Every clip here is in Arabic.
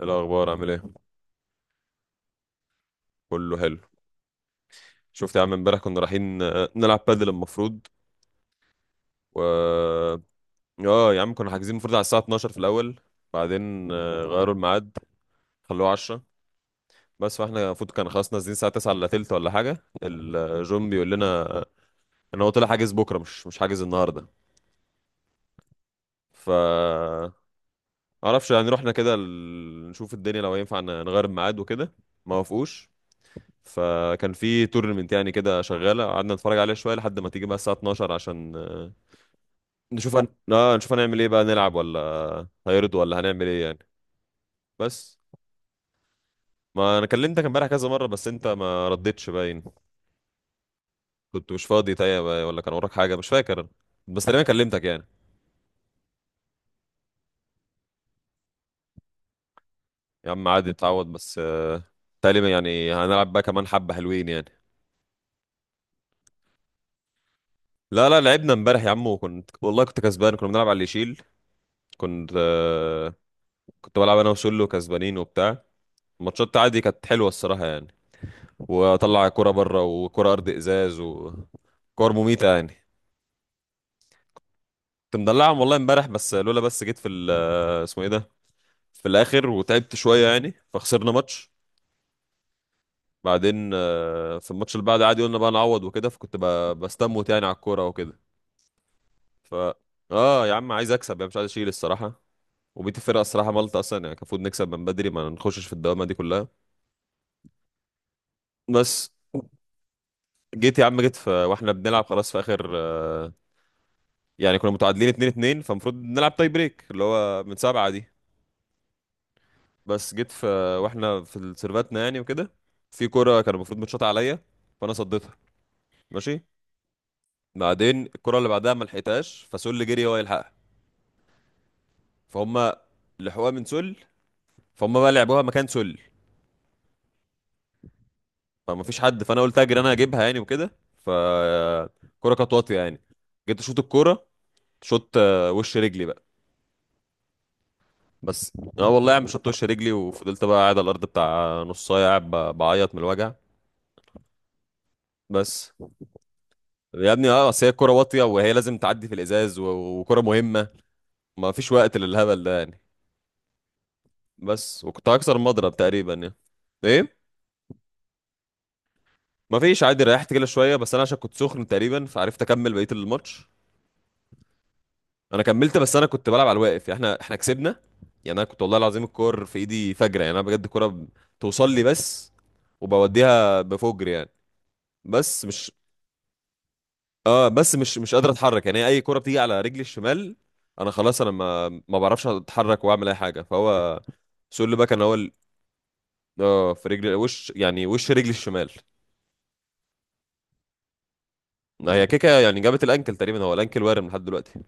إيه الأخبار عامل ايه؟ كله حلو. شفت يا عم امبارح كنا رايحين، نلعب بادل المفروض و اه يا عم كنا حاجزين المفروض على الساعة 12 في الأول. بعدين غيروا الميعاد، خلوه 10. بس فاحنا المفروض كان خلاص نازلين الساعة 9 إلا تلت ولا حاجة، الجون بيقول لنا آه، إن هو طلع حاجز بكرة، مش حاجز النهاردة. ف معرفش، يعني رحنا كده نشوف الدنيا لو ينفع نغير الميعاد وكده. ما وافقوش. فكان في تورنمنت يعني كده شغالة، قعدنا نتفرج عليها شوية لحد ما تيجي بقى الساعة 12 عشان نشوف هن... آه نشوف هنعمل ايه بقى، نلعب ولا هيرضوا ولا هنعمل ايه يعني. بس ما انا كلمتك امبارح كذا مره بس انت ما ردتش، باين كنت مش فاضي، طيب ولا كان وراك حاجه، مش فاكر أنا. بس تقريبا كلمتك يعني. يا عم عادي، اتعود بس تقريبا يعني هنلعب بقى كمان حبه حلوين يعني. لا لا، لعبنا امبارح يا عم، وكنت والله كنت كسبان، كنا بنلعب على اللي يشيل. كنت كنت بلعب انا وسولو كسبانين وبتاع. الماتشات عادي كانت حلوه الصراحه يعني. واطلع كرة بره وكرة ارض ازاز وكور مميته يعني. كنت مدلعهم والله امبارح. بس لولا بس جيت في اسمه ايه ده، في الاخر وتعبت شويه يعني فخسرنا ماتش. بعدين في الماتش اللي بعد عادي قلنا بقى نعوض وكده، فكنت بستموت يعني على الكوره وكده. ف اه يا عم عايز اكسب يعني، مش عايز اشيل الصراحه. وبيت الفرقه الصراحه مالطا اصلا يعني، كان المفروض نكسب من بدري ما نخشش في الدوامه دي كلها. بس جيت يا عم، جيت في واحنا بنلعب خلاص في اخر يعني كنا متعادلين 2-2، فالمفروض نلعب تاي بريك اللي هو من سبعه دي. بس جيت في واحنا في سيرفاتنا يعني وكده، في كرة كان المفروض متشاط عليا، فانا صديتها، ماشي. بعدين الكرة اللي بعدها ما لحقتهاش، فسل جري هو يلحقها، فهم لحقوها من سل، فهم بقى لعبوها مكان سل، فما فيش حد. فانا قلت اجري انا اجيبها يعني وكده. فالكرة كانت واطية يعني، جيت اشوط الكرة. شوت وش رجلي بقى. بس اه والله يا عم شوت وش رجلي، وفضلت بقى قاعد على الارض بتاع نص ساعه، قاعد بعيط من الوجع. بس يا ابني، اه اصل هي الكوره واطيه، وهي لازم تعدي في الازاز وكوره مهمه، ما فيش وقت للهبل ده يعني. بس وكنت هكسر المضرب تقريبا يعني. ايه، ما فيش عادي، ريحت كده شويه، بس انا عشان كنت سخن تقريبا فعرفت اكمل بقيه الماتش. انا كملت بس انا كنت بلعب على الواقف يعني. احنا كسبنا. يعني انا كنت والله العظيم الكور في ايدي فجره يعني، انا بجد الكوره توصل لي بس، وبوديها بفجر يعني. بس مش اه بس مش قادر اتحرك يعني، اي كرة بتيجي على رجلي الشمال انا خلاص، انا ما بعرفش اتحرك واعمل اي حاجة. فهو سول باك انا، اه في رجلي وش، يعني وش رجلي الشمال. هي كيكا يعني جابت الانكل تقريبا، هو الانكل وارم لحد دلوقتي.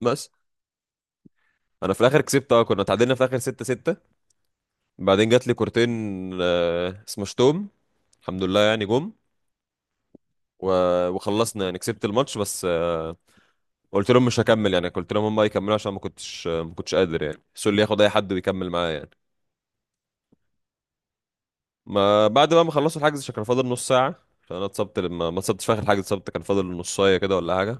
بس انا في الاخر كسبت، اه كنا تعادلنا في الاخر 6-6، بعدين جات لي كورتين آه اسمه شتوم، الحمد لله يعني جم وخلصنا يعني، كسبت الماتش. بس قلت لهم مش هكمل يعني، قلت لهم هم يكملوا عشان ما كنتش ما كنتش قادر يعني، سول ياخد اي حد ويكمل معايا يعني. ما بعد بقى ما خلصوا الحجز، عشان كان فاضل نص ساعة عشان انا اتصبت، لما ما اتصبتش في اخر الحجز، اتصبت كان فاضل نصاية كده ولا حاجة.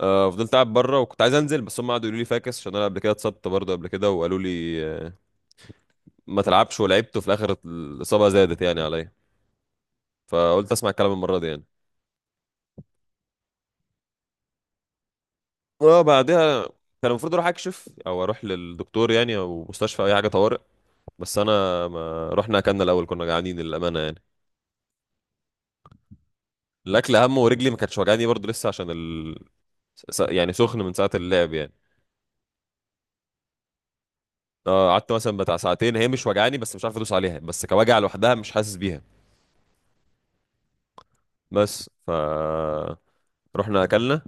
آه، فضلت قاعد بره، وكنت عايز انزل، بس هم قعدوا يقولوا لي فاكس، عشان انا قبل كده اتصبت برضه قبل كده، وقالوا لي ما تلعبش ولعبت، وفي الاخر الاصابة زادت يعني عليا، فقلت اسمع الكلام المرة دي يعني. اه بعدها كان المفروض اروح اكشف او اروح للدكتور يعني، او مستشفى او اي حاجة طوارئ. بس انا ما رحنا، اكلنا الاول، كنا جعانين للأمانة يعني. الاكل اهم، ورجلي ما كانتش وجعاني برضه لسه عشان يعني سخن من ساعة اللعب يعني. اه قعدت مثلا بتاع ساعتين هي مش وجعاني، بس مش عارف ادوس عليها، بس كوجع لوحدها مش حاسس بيها. بس ف رحنا اكلنا.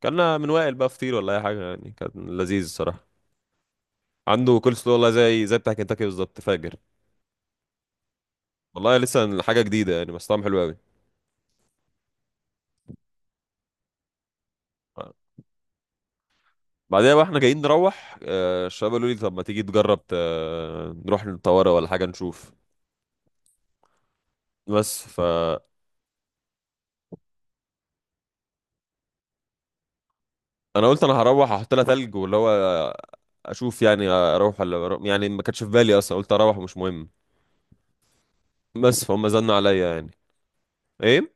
اكلنا من وائل بقى فطير ولا اي حاجه يعني، كان لذيذ الصراحه. عنده كول سلو والله، زي بتاع كنتاكي بالظبط، فاجر والله، لسه حاجه جديده يعني بس طعم حلو قوي. بعدها بقى احنا جايين نروح الشباب قالوا لي طب ما تيجي تجرب نروح الطوارئ ولا حاجه نشوف. بس فانا قلت انا هروح احط لها تلج، واللي هو اشوف يعني، اروح ولا أروح، يعني ما كانتش في بالي اصلا، قلت اروح ومش مهم. بس فهم زنوا عليا يعني. ايه،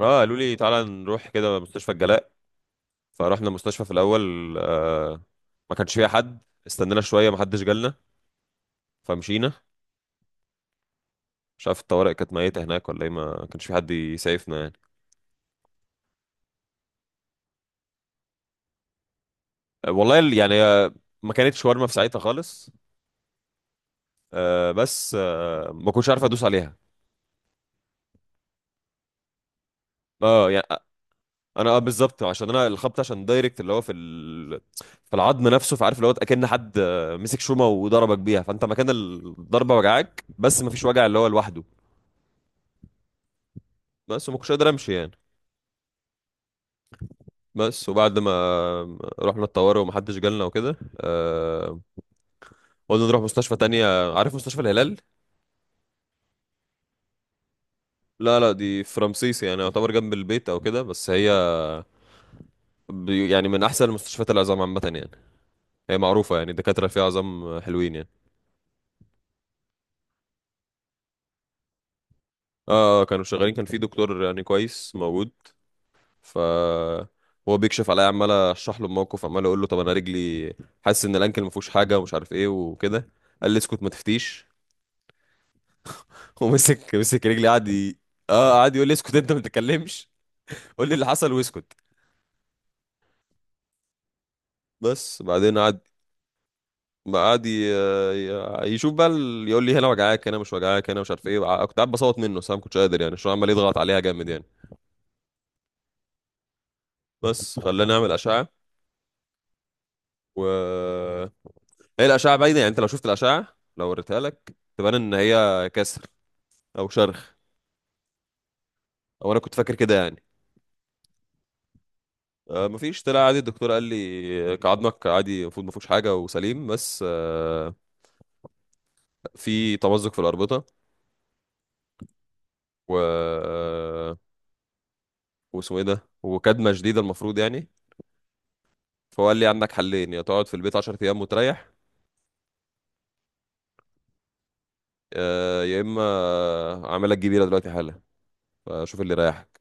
اه قالوا لي تعالى نروح كده مستشفى الجلاء. فرحنا المستشفى في الاول، آه ما كانش فيها حد، استنينا شويه ما حدش جالنا، فمشينا. مش عارف الطوارئ كانت ميته هناك ولا ايه، ما كانش في حد يسعفنا يعني. آه، والله ال- يعني آه، ما كانتش شاورما في ساعتها خالص، آه بس آه ما كنتش عارف ادوس عليها. اه يعني انا، اه بالظبط عشان انا الخبط عشان دايركت، اللي هو في في العظم نفسه. فعارف اللي هو اكن حد مسك شومه وضربك بيها، فانت مكان الضربه وجعاك بس ما فيش وجع اللي هو لوحده. بس وما كنتش قادر امشي يعني. بس وبعد ما رحنا الطوارئ ومحدش جالنا وكده قلنا نروح مستشفى تانية، عارف مستشفى الهلال. لا لا، دي في رمسيس، يعني يعتبر جنب البيت او كده، بس هي يعني من احسن المستشفيات العظام عامه يعني، هي معروفه يعني، الدكاتره فيها عظام حلوين يعني. كانوا شغالين، كان في دكتور يعني كويس موجود. ف هو بيكشف عليا، عمال اشرح له الموقف، عمال اقول له طب انا رجلي حاسس ان الانكل ما فيهوش حاجه ومش عارف ايه وكده. قال لي اسكت، ما تفتيش. ومسك رجلي، اه قعد يقول لي اسكت، انت ما تتكلمش، قول لي اللي حصل واسكت. بس بعدين قعد يشوف بقى يقول لي هنا وجعاك، هنا مش وجعاك، هنا مش عارف ايه، كنت قاعد بصوت منه، بس انا ما كنتش قادر يعني عشان عمال يضغط عليها جامد يعني. بس خلاني اعمل اشعه. و هي الاشعه باينه يعني، انت لو شفت الاشعه لو وريتها لك تبان ان هي كسر او شرخ، او انا كنت فاكر كده يعني. مفيش، طلع عادي، الدكتور قال لي كعضمك عادي، المفروض مفيهوش حاجه وسليم. بس في تمزق في الاربطه و آه، واسمه ايه ده وكدمه شديده المفروض يعني. فهو قال لي عندك حلين، يا تقعد في البيت 10 ايام وتريح، يا اما اعمل لك جبيره دلوقتي حالا، فشوف اللي يريحك.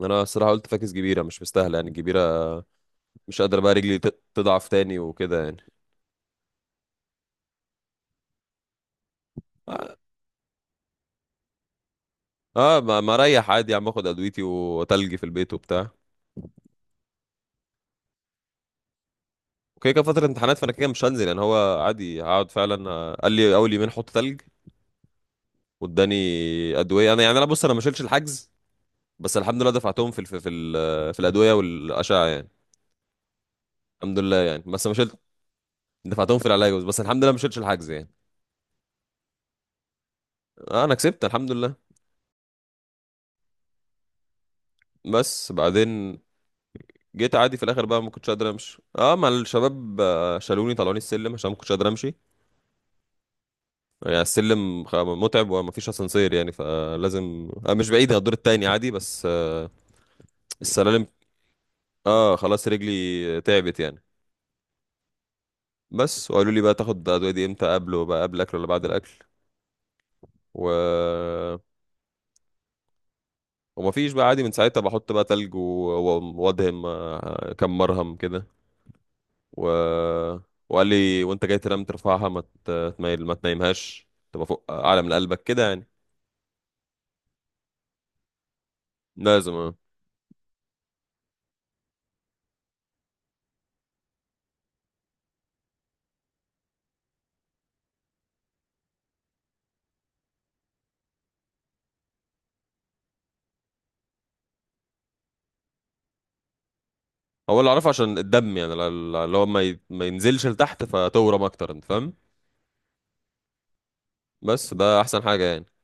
انا الصراحه قلت فاكس، جبيره مش مستاهله يعني الجبيره. مش قادر بقى رجلي تضعف تاني وكده يعني. اه ما اريح عادي يا عم، اخد ادويتي وتلجي في البيت وبتاع. وكده كده فترة امتحانات، فانا كده مش هنزل يعني، هو عادي هقعد فعلا. قال لي اول يومين حط تلج واداني ادوية. انا يعني، انا بص انا ما شلتش الحجز، بس الحمد لله دفعتهم في في الادوية والاشعة يعني. الحمد لله يعني بس ما شلت، دفعتهم في العلاج. بس الحمد لله ما شلتش الحجز يعني. آه انا كسبت الحمد لله. بس بعدين جيت عادي في الاخر بقى ما كنتش قادر امشي، اه مع الشباب شالوني طلعوني السلم عشان ما كنتش قادر امشي يعني. السلم متعب ومفيش اسانسير يعني، فلازم مش بعيد، هي الدور التاني عادي، بس السلالم. اه خلاص رجلي تعبت يعني. بس وقالوا لي بقى تاخد ادويه دي امتى قبله بقى قبل الاكل ولا بعد الاكل. و ومفيش بقى عادي، من ساعتها بحط بقى تلج وادهم كم مرهم كده. و... وقال لي وانت جاي تنام ترفعها، ما تميل، ما تنامهاش، تبقى فوق اعلى من قلبك كده يعني، لازم آه. هو اللي اعرفه عشان الدم يعني، اللي هو ما ينزلش لتحت فتورم اكتر، انت فاهم. بس ده احسن حاجه يعني.